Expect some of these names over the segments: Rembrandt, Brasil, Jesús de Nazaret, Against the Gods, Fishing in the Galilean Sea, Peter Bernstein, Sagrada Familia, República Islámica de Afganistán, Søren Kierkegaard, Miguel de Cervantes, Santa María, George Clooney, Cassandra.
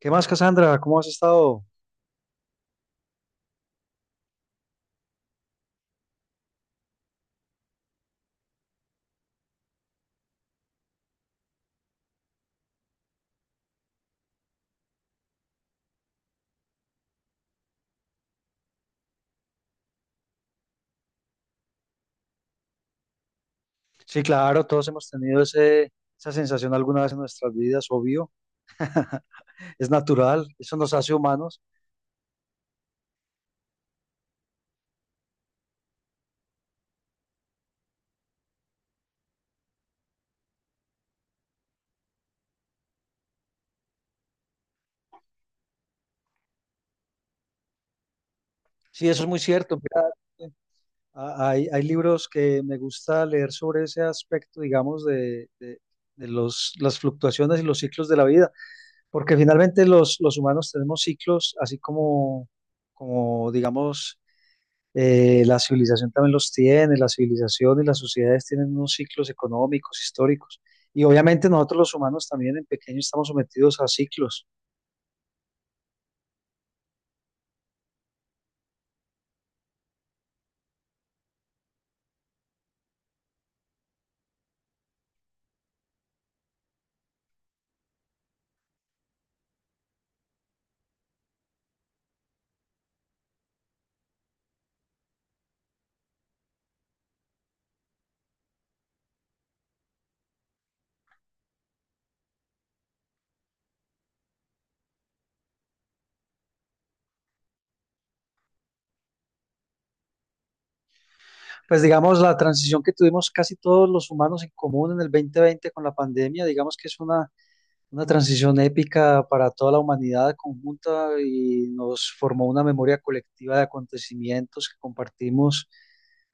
¿Qué más, Cassandra? ¿Cómo has estado? Sí, claro, todos hemos tenido esa sensación alguna vez en nuestras vidas, obvio. Es natural, eso nos hace humanos. Sí, eso es muy cierto. Mira, eh, hay libros que me gusta leer sobre ese aspecto, digamos, de los, las fluctuaciones y los ciclos de la vida, porque finalmente los humanos tenemos ciclos, así como digamos, la civilización también los tiene, la civilización y las sociedades tienen unos ciclos económicos, históricos. Y obviamente nosotros los humanos también en pequeño estamos sometidos a ciclos. Pues digamos, la transición que tuvimos casi todos los humanos en común en el 2020 con la pandemia, digamos que es una transición épica para toda la humanidad conjunta y nos formó una memoria colectiva de acontecimientos que compartimos.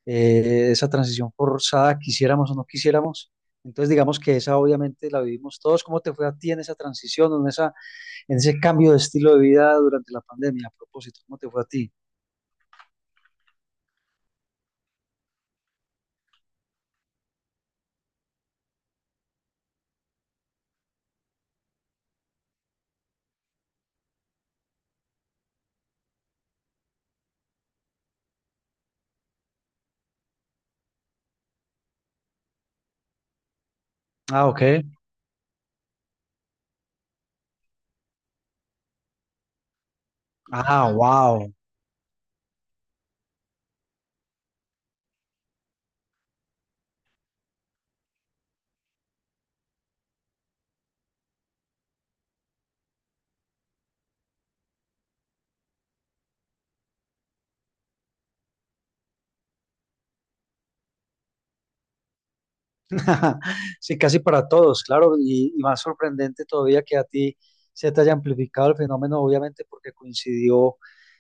Esa transición forzada, quisiéramos o no quisiéramos. Entonces, digamos que esa obviamente la vivimos todos. ¿Cómo te fue a ti en esa transición, o en esa, en ese cambio de estilo de vida durante la pandemia? A propósito, ¿cómo te fue a ti? Ah, ok. Ah, wow. Sí, casi para todos, claro, y más sorprendente todavía que a ti se te haya amplificado el fenómeno, obviamente porque coincidió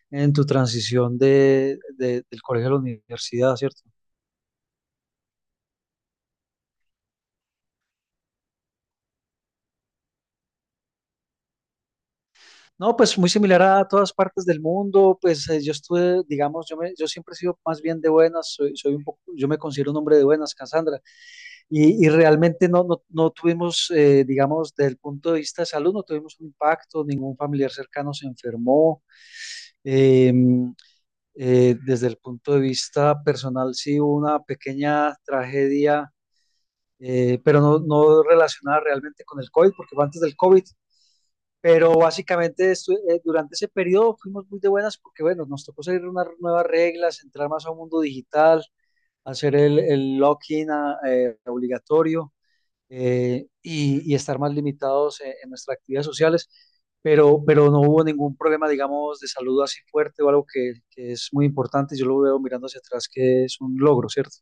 en tu transición de, del colegio a la universidad, ¿cierto? No, pues muy similar a todas partes del mundo, pues yo estuve, digamos, yo siempre he sido más bien de buenas, soy un poco, yo me considero un hombre de buenas, Cassandra, y realmente no tuvimos, digamos, desde el punto de vista de salud, no tuvimos un impacto, ningún familiar cercano se enfermó. em, Desde el punto de vista personal, sí hubo una pequeña tragedia, pero no relacionada realmente con el COVID, porque fue antes del COVID. Pero básicamente durante ese periodo fuimos muy de buenas porque, bueno, nos tocó seguir unas nuevas reglas, entrar más a un mundo digital, hacer el login obligatorio, y estar más limitados en nuestras actividades sociales, pero no hubo ningún problema, digamos, de salud así fuerte o algo que es muy importante. Yo lo veo mirando hacia atrás, que es un logro, ¿cierto?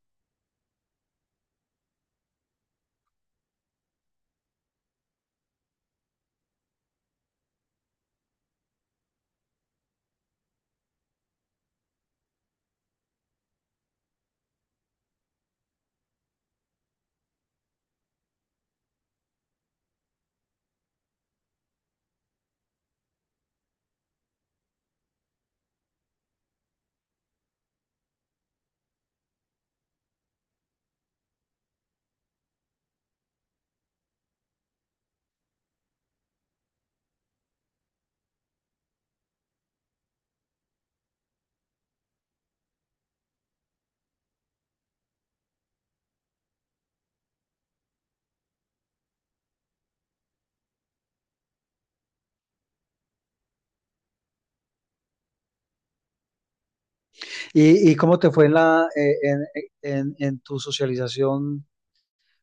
¿Y cómo te fue en, la, en tu socialización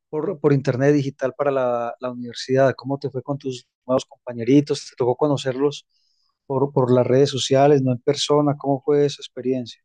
por internet digital para la universidad? ¿Cómo te fue con tus nuevos compañeritos? ¿Te tocó conocerlos por las redes sociales, no en persona? ¿Cómo fue esa experiencia?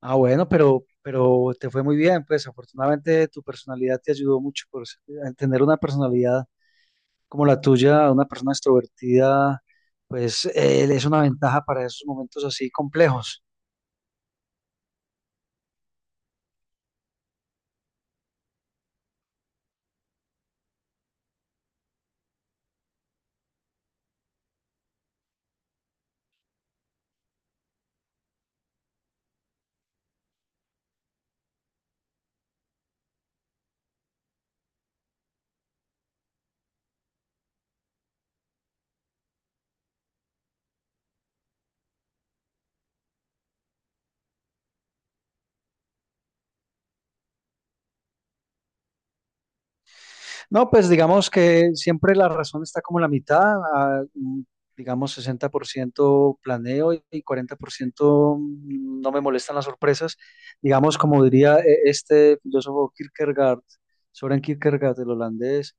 Ah, bueno, pero te fue muy bien, pues afortunadamente tu personalidad te ayudó mucho a tener una personalidad como la tuya, una persona extrovertida, pues es una ventaja para esos momentos así complejos. No, pues digamos que siempre la razón está como la mitad, digamos 60% planeo y cuarenta por ciento, no me molestan las sorpresas. Digamos, como diría este filósofo Kierkegaard, Soren Kierkegaard, el holandés,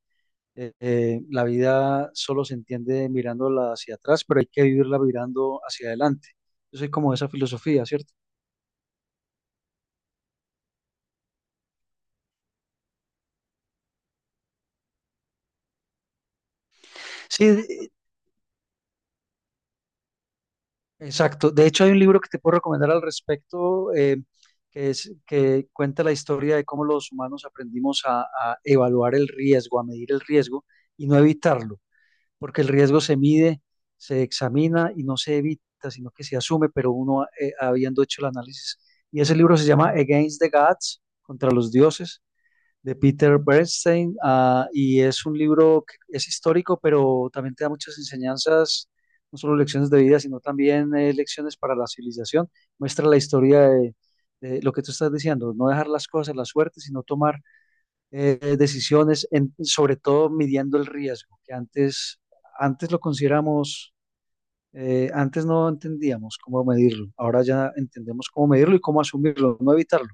la vida solo se entiende mirándola hacia atrás, pero hay que vivirla mirando hacia adelante. Yo soy como de esa filosofía, ¿cierto? Sí, exacto. De hecho, hay un libro que te puedo recomendar al respecto, que es que cuenta la historia de cómo los humanos aprendimos a evaluar el riesgo, a medir el riesgo y no evitarlo, porque el riesgo se mide, se examina y no se evita, sino que se asume, pero uno, habiendo hecho el análisis. Y ese libro se llama Against the Gods, contra los dioses, de Peter Bernstein. Y es un libro que es histórico, pero también te da muchas enseñanzas, no solo lecciones de vida, sino también, lecciones para la civilización. Muestra la historia de lo que tú estás diciendo: no dejar las cosas a la suerte, sino tomar, decisiones, sobre todo midiendo el riesgo, que antes lo consideramos, antes no entendíamos cómo medirlo, ahora ya entendemos cómo medirlo y cómo asumirlo, no evitarlo.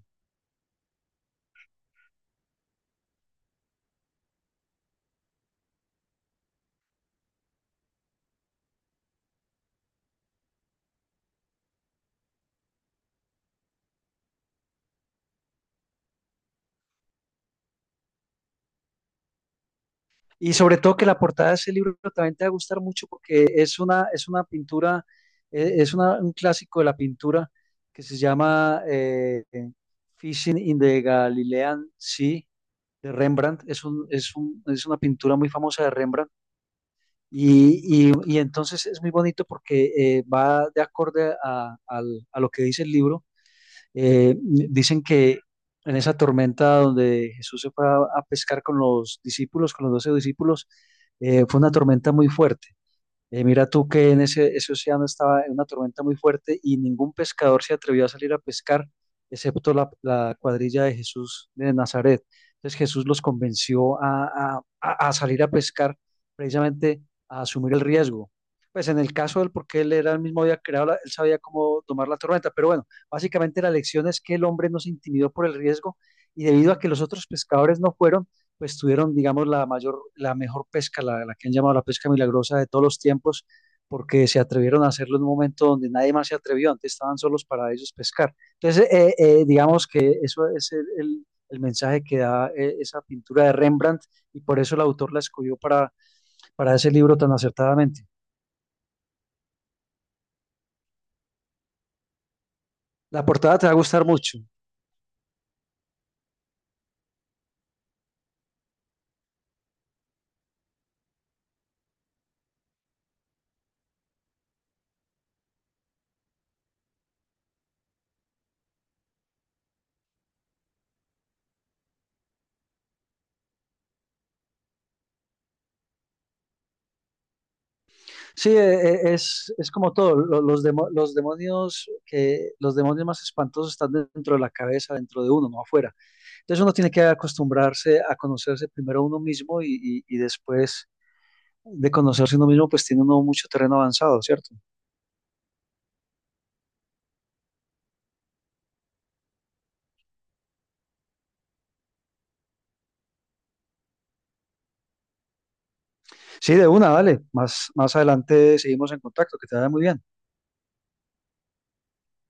Y sobre todo que la portada de ese libro también te va a gustar mucho porque es una pintura. Es un clásico de la pintura que se llama, Fishing in the Galilean Sea, de Rembrandt. Es una pintura muy famosa de Rembrandt. Y entonces es muy bonito porque, va de acorde a, a lo que dice el libro. Dicen que en esa tormenta donde Jesús se fue a pescar con los discípulos, con los 12 discípulos, fue una tormenta muy fuerte. Mira tú que en ese océano estaba en una tormenta muy fuerte y ningún pescador se atrevió a salir a pescar, excepto la cuadrilla de Jesús de Nazaret. Entonces Jesús los convenció a salir a pescar, precisamente a asumir el riesgo. Pues en el caso de él, porque él era el mismo, había creado, él sabía cómo tomar la tormenta. Pero bueno, básicamente la lección es que el hombre no se intimidó por el riesgo, y debido a que los otros pescadores no fueron, pues tuvieron, digamos, la mayor, la mejor pesca, la que han llamado la pesca milagrosa de todos los tiempos, porque se atrevieron a hacerlo en un momento donde nadie más se atrevió, antes estaban solos para ellos pescar. Entonces, digamos que eso es el mensaje que da, esa pintura de Rembrandt, y por eso el autor la escogió para ese libro tan acertadamente. La portada te va a gustar mucho. Sí, es como todo. Los, demo, los, demonios que, los demonios más espantosos están dentro de la cabeza, dentro de uno, no afuera. Entonces uno tiene que acostumbrarse a conocerse primero uno mismo y después de conocerse uno mismo, pues tiene uno mucho terreno avanzado, ¿cierto? Sí, de una, vale. Más adelante seguimos en contacto, que te vaya muy bien.